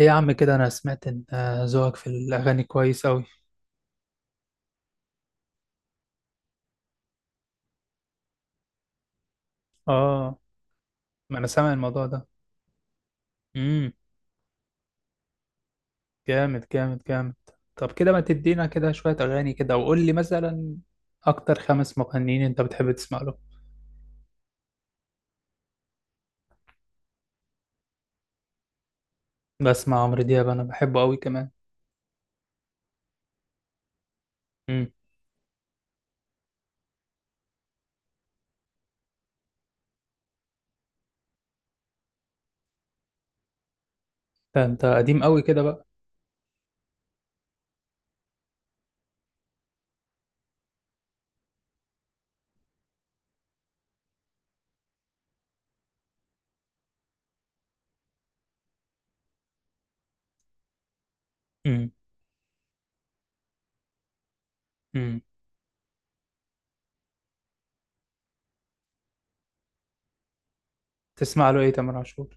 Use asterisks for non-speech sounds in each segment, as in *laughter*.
ايه يا عم كده، انا سمعت ان ذوقك في الاغاني كويس اوي. اه، ما انا سامع الموضوع ده. امم. جامد جامد جامد. طب كده ما تدينا كده شوية اغاني، كده وقول لي مثلا اكتر خمس مغنيين انت بتحب تسمع له. بسمع عمرو دياب، انا بحبه اوي كمان. امم. ده انت قديم اوي كده بقى. امم. امم. تسمع له ايه تامر عاشور؟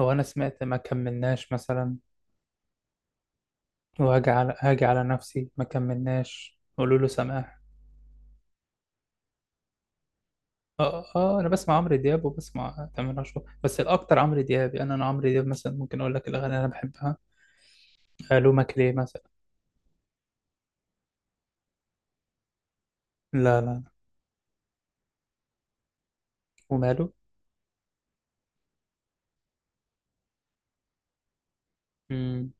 هو انا سمعت ما كملناش مثلا وهاجي على، هاجي على نفسي، ما كملناش، قولوا له سماح. اه، اه، انا بسمع عمرو دياب وبسمع تامر عاشور، بس الاكتر عمرو دياب. يعني انا عمرو دياب مثلا ممكن اقول لك الاغاني اللي انا بحبها. الو ماكليه مثلا. لا لا لا. وماله. امم.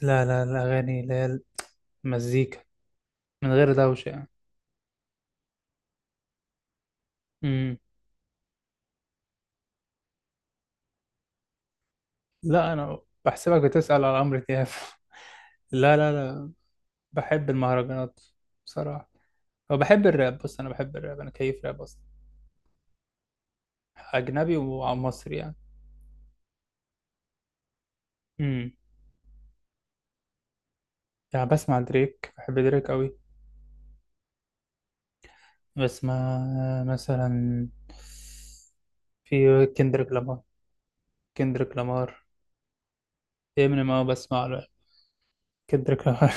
لا لا، الاغاني اللي هي المزيكا من غير دوشه يعني. امم. لا، انا بحسبك بتسأل على عمرو دياب *laughs* لا لا لا. بحب المهرجانات. بصراحه. وبحب الراب. بص انا بحب الراب، انا كيف راب اصلا. اجنبي ومصري يعني. امم. يعني بسمع دريك، بحب دريك قوي. بس ما مثلا، في كندريك لامار. كندريك لامار. امينيم، اه بسمع له. كندريك لامار.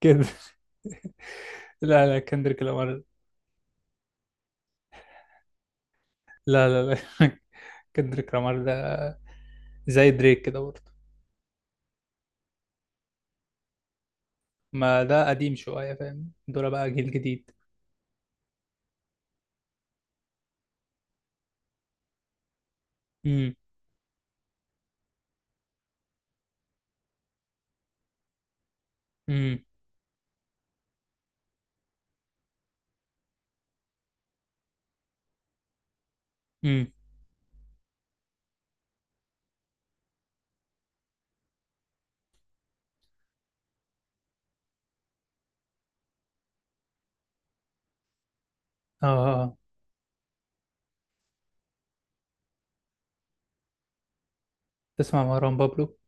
*laughs* كد... لا لا، كندريك لامار. لا لا لا *laughs* كندريك لامار ده زي دريك كده برضه. ما ده قديم شوية، فاهم؟ دول بقى جيل جديد. امم. امم. امم. اه، آه، آه. تسمع مروان بابلو؟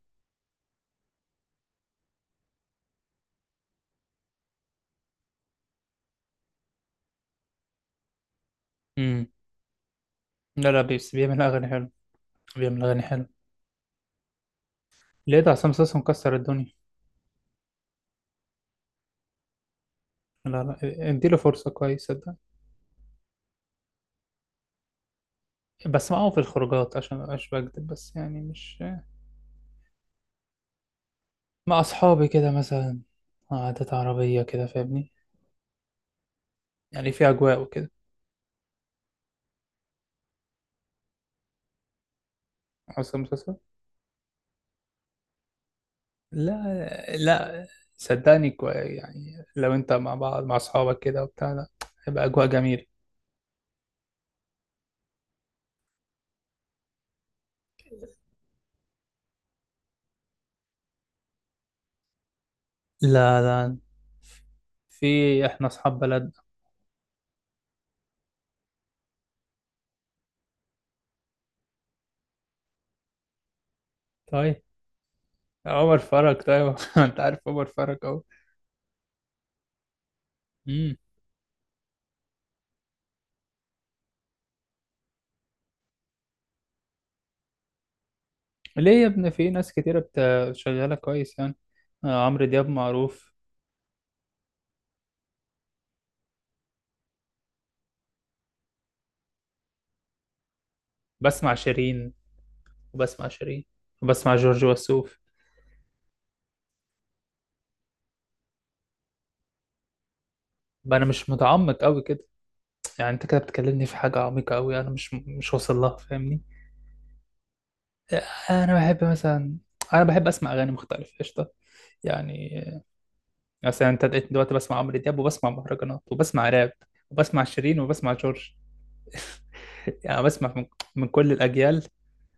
امم. لا لا، بس بيعمل أغاني حلوة. بيعمل أغاني حلوة. لقيت عصام صاصا مكسر الدنيا. لا لا، اديله فرصة كويسة. بس معاهم في الخروجات، عشان مبقاش بكدب، بس يعني مش. مع أصحابي كده مثلا. قعدات عربية كده، فاهمني؟ يعني في أجواء وكده. حاسس المسلسل. لا لا، صدقني، يعني لو أنت مع بعض، مع أصحابك كده وبتاع، لا، هيبقى أجواء جميلة. لا لا، في إحنا أصحاب بلدنا. طيب عمر فرج، طيب *laughs* أنت عارف عمر فرج أهو. مم. ليه يا ابني، في ناس كتيرة شغالة كويس يعني. عمرو دياب معروف. بسمع شيرين. وبسمع شيرين. وبسمع جورج وسوف. بقى انا مش متعمق قوي كده. يعني انت كده بتكلمني في حاجه عميقه قوي، انا مش واصل لها، فاهمني؟ انا بحب مثلا، انا بحب اسمع اغاني مختلفه قشطه. يعني مثلا، انت لقيتني دلوقتي بسمع عمرو دياب وبسمع مهرجانات وبسمع راب وبسمع شيرين وبسمع جورج *laughs* يعني بسمع من كل الاجيال.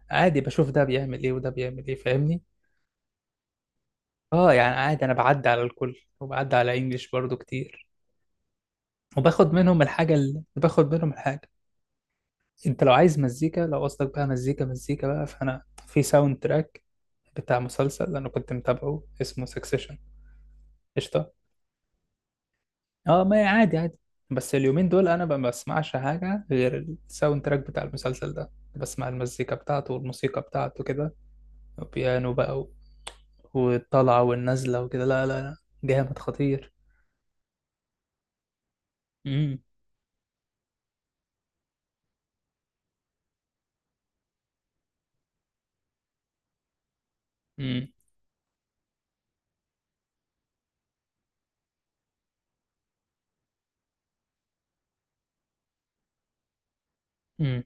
عادي، بشوف ده بيعمل ايه وده بيعمل ايه، فاهمني؟ اه، يعني عادي، انا بعدي على الكل وبعدي على انجليش برضو كتير. وباخد منهم الحاجه، اللي باخد منهم الحاجه. انت لو عايز مزيكا، لو قصدك بقى مزيكا، مزيكا بقى فانا في ساوند تراك بتاع مسلسل انا كنت متابعه اسمه سكسيشن. قشطه. اه، ما هي عادي عادي. بس اليومين دول انا ما بسمعش حاجه غير الساوند تراك بتاع المسلسل ده. بسمع المزيكا بتاعته والموسيقى بتاعته كده. وبيانو بقى والطلعه والنازله وكده. لا لا لا، جامد خطير. امم. امم. امم.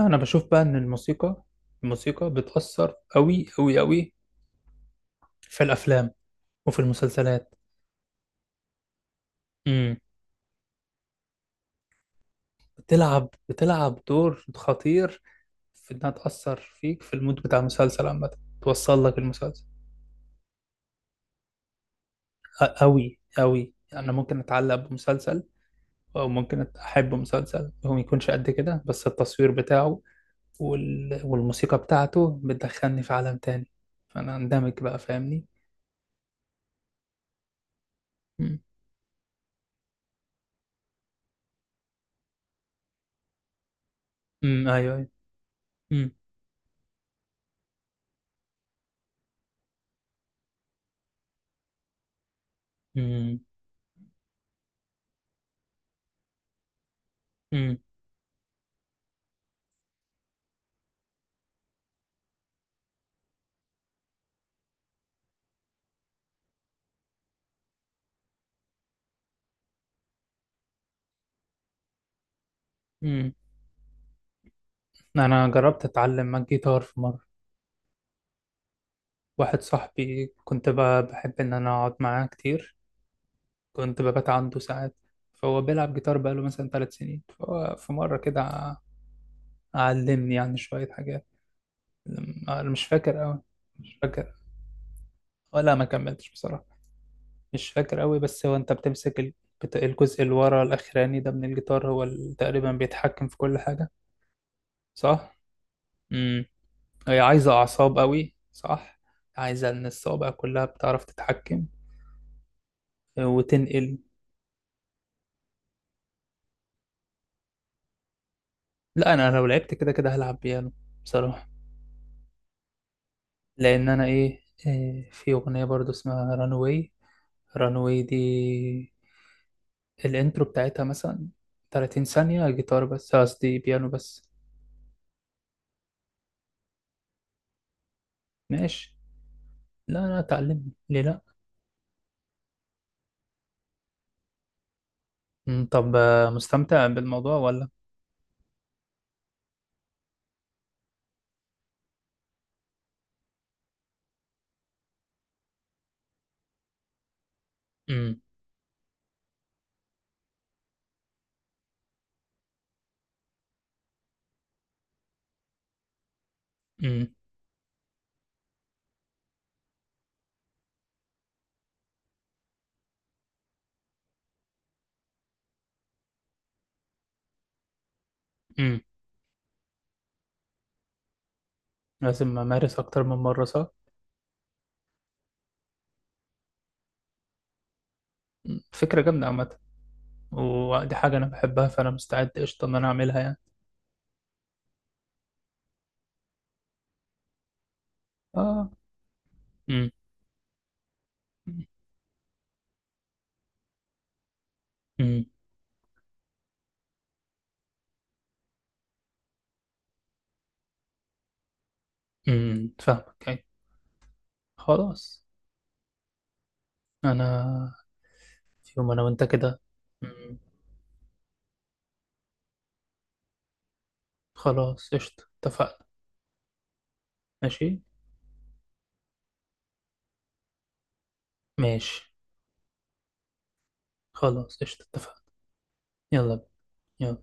انا بشوف بقى ان الموسيقى، الموسيقى بتأثر قوي قوي قوي في الافلام وفي المسلسلات. بتلعب دور خطير في انها تأثر فيك في المود بتاع المسلسل عامة، توصل لك المسلسل. قوي قوي، انا ممكن اتعلق بمسلسل. او ممكن احب مسلسل هو ما يكونش قد كده، بس التصوير بتاعه والموسيقى بتاعته بتدخلني في عالم تاني، فانا اندمج بقى، فاهمني؟ امم. أمم، ايوه ايوه. امم. امم. امم. أمم. انا جربت اتعلم جيتار في مرة. واحد صاحبي كنت بحب ان انا اقعد معاه كتير، كنت ببات عنده ساعات. فهو بيلعب جيتار بقاله مثلا ثلاث سنين، فهو في مرة كده علمني يعني شوية حاجات. أنا مش فاكر أوي. مش فاكر، ولا ما كملتش بصراحة. مش فاكر أوي، بس هو أنت بتمسك الجزء اللي ورا الأخراني ده من الجيتار هو اللي تقريبا بيتحكم في كل حاجة، صح؟ امم. هي عايزة أعصاب أوي، صح؟ عايزة إن الصوابع كلها بتعرف تتحكم وتنقل. لا، أنا لو لعبت كده كده هلعب بيانو، بصراحة. لان انا ايه إيه، في اغنيه برضو اسمها رانوي. رانوي دي الانترو بتاعتها مثلا 30 ثانيه جيتار بس، قصدي بيانو بس. ماشي. لا لا، اتعلم ليه؟ لا. مم، طب مستمتع بالموضوع ولا؟ امم. امم. امم. لازم امارس اكتر من مره، صح؟ مم، فكره جامده عامه. ودي حاجه انا بحبها، فانا مستعد قشطه ان انا اعملها يعني. اه. امم. امم. امم. فاهمك، أيوة. خلاص. انا في يوم انا وانت كده. مم. خلاص قشطة، اتفقنا. ماشي. ماشي، خلاص قشطة، اتفقنا. يلا بينا. يلا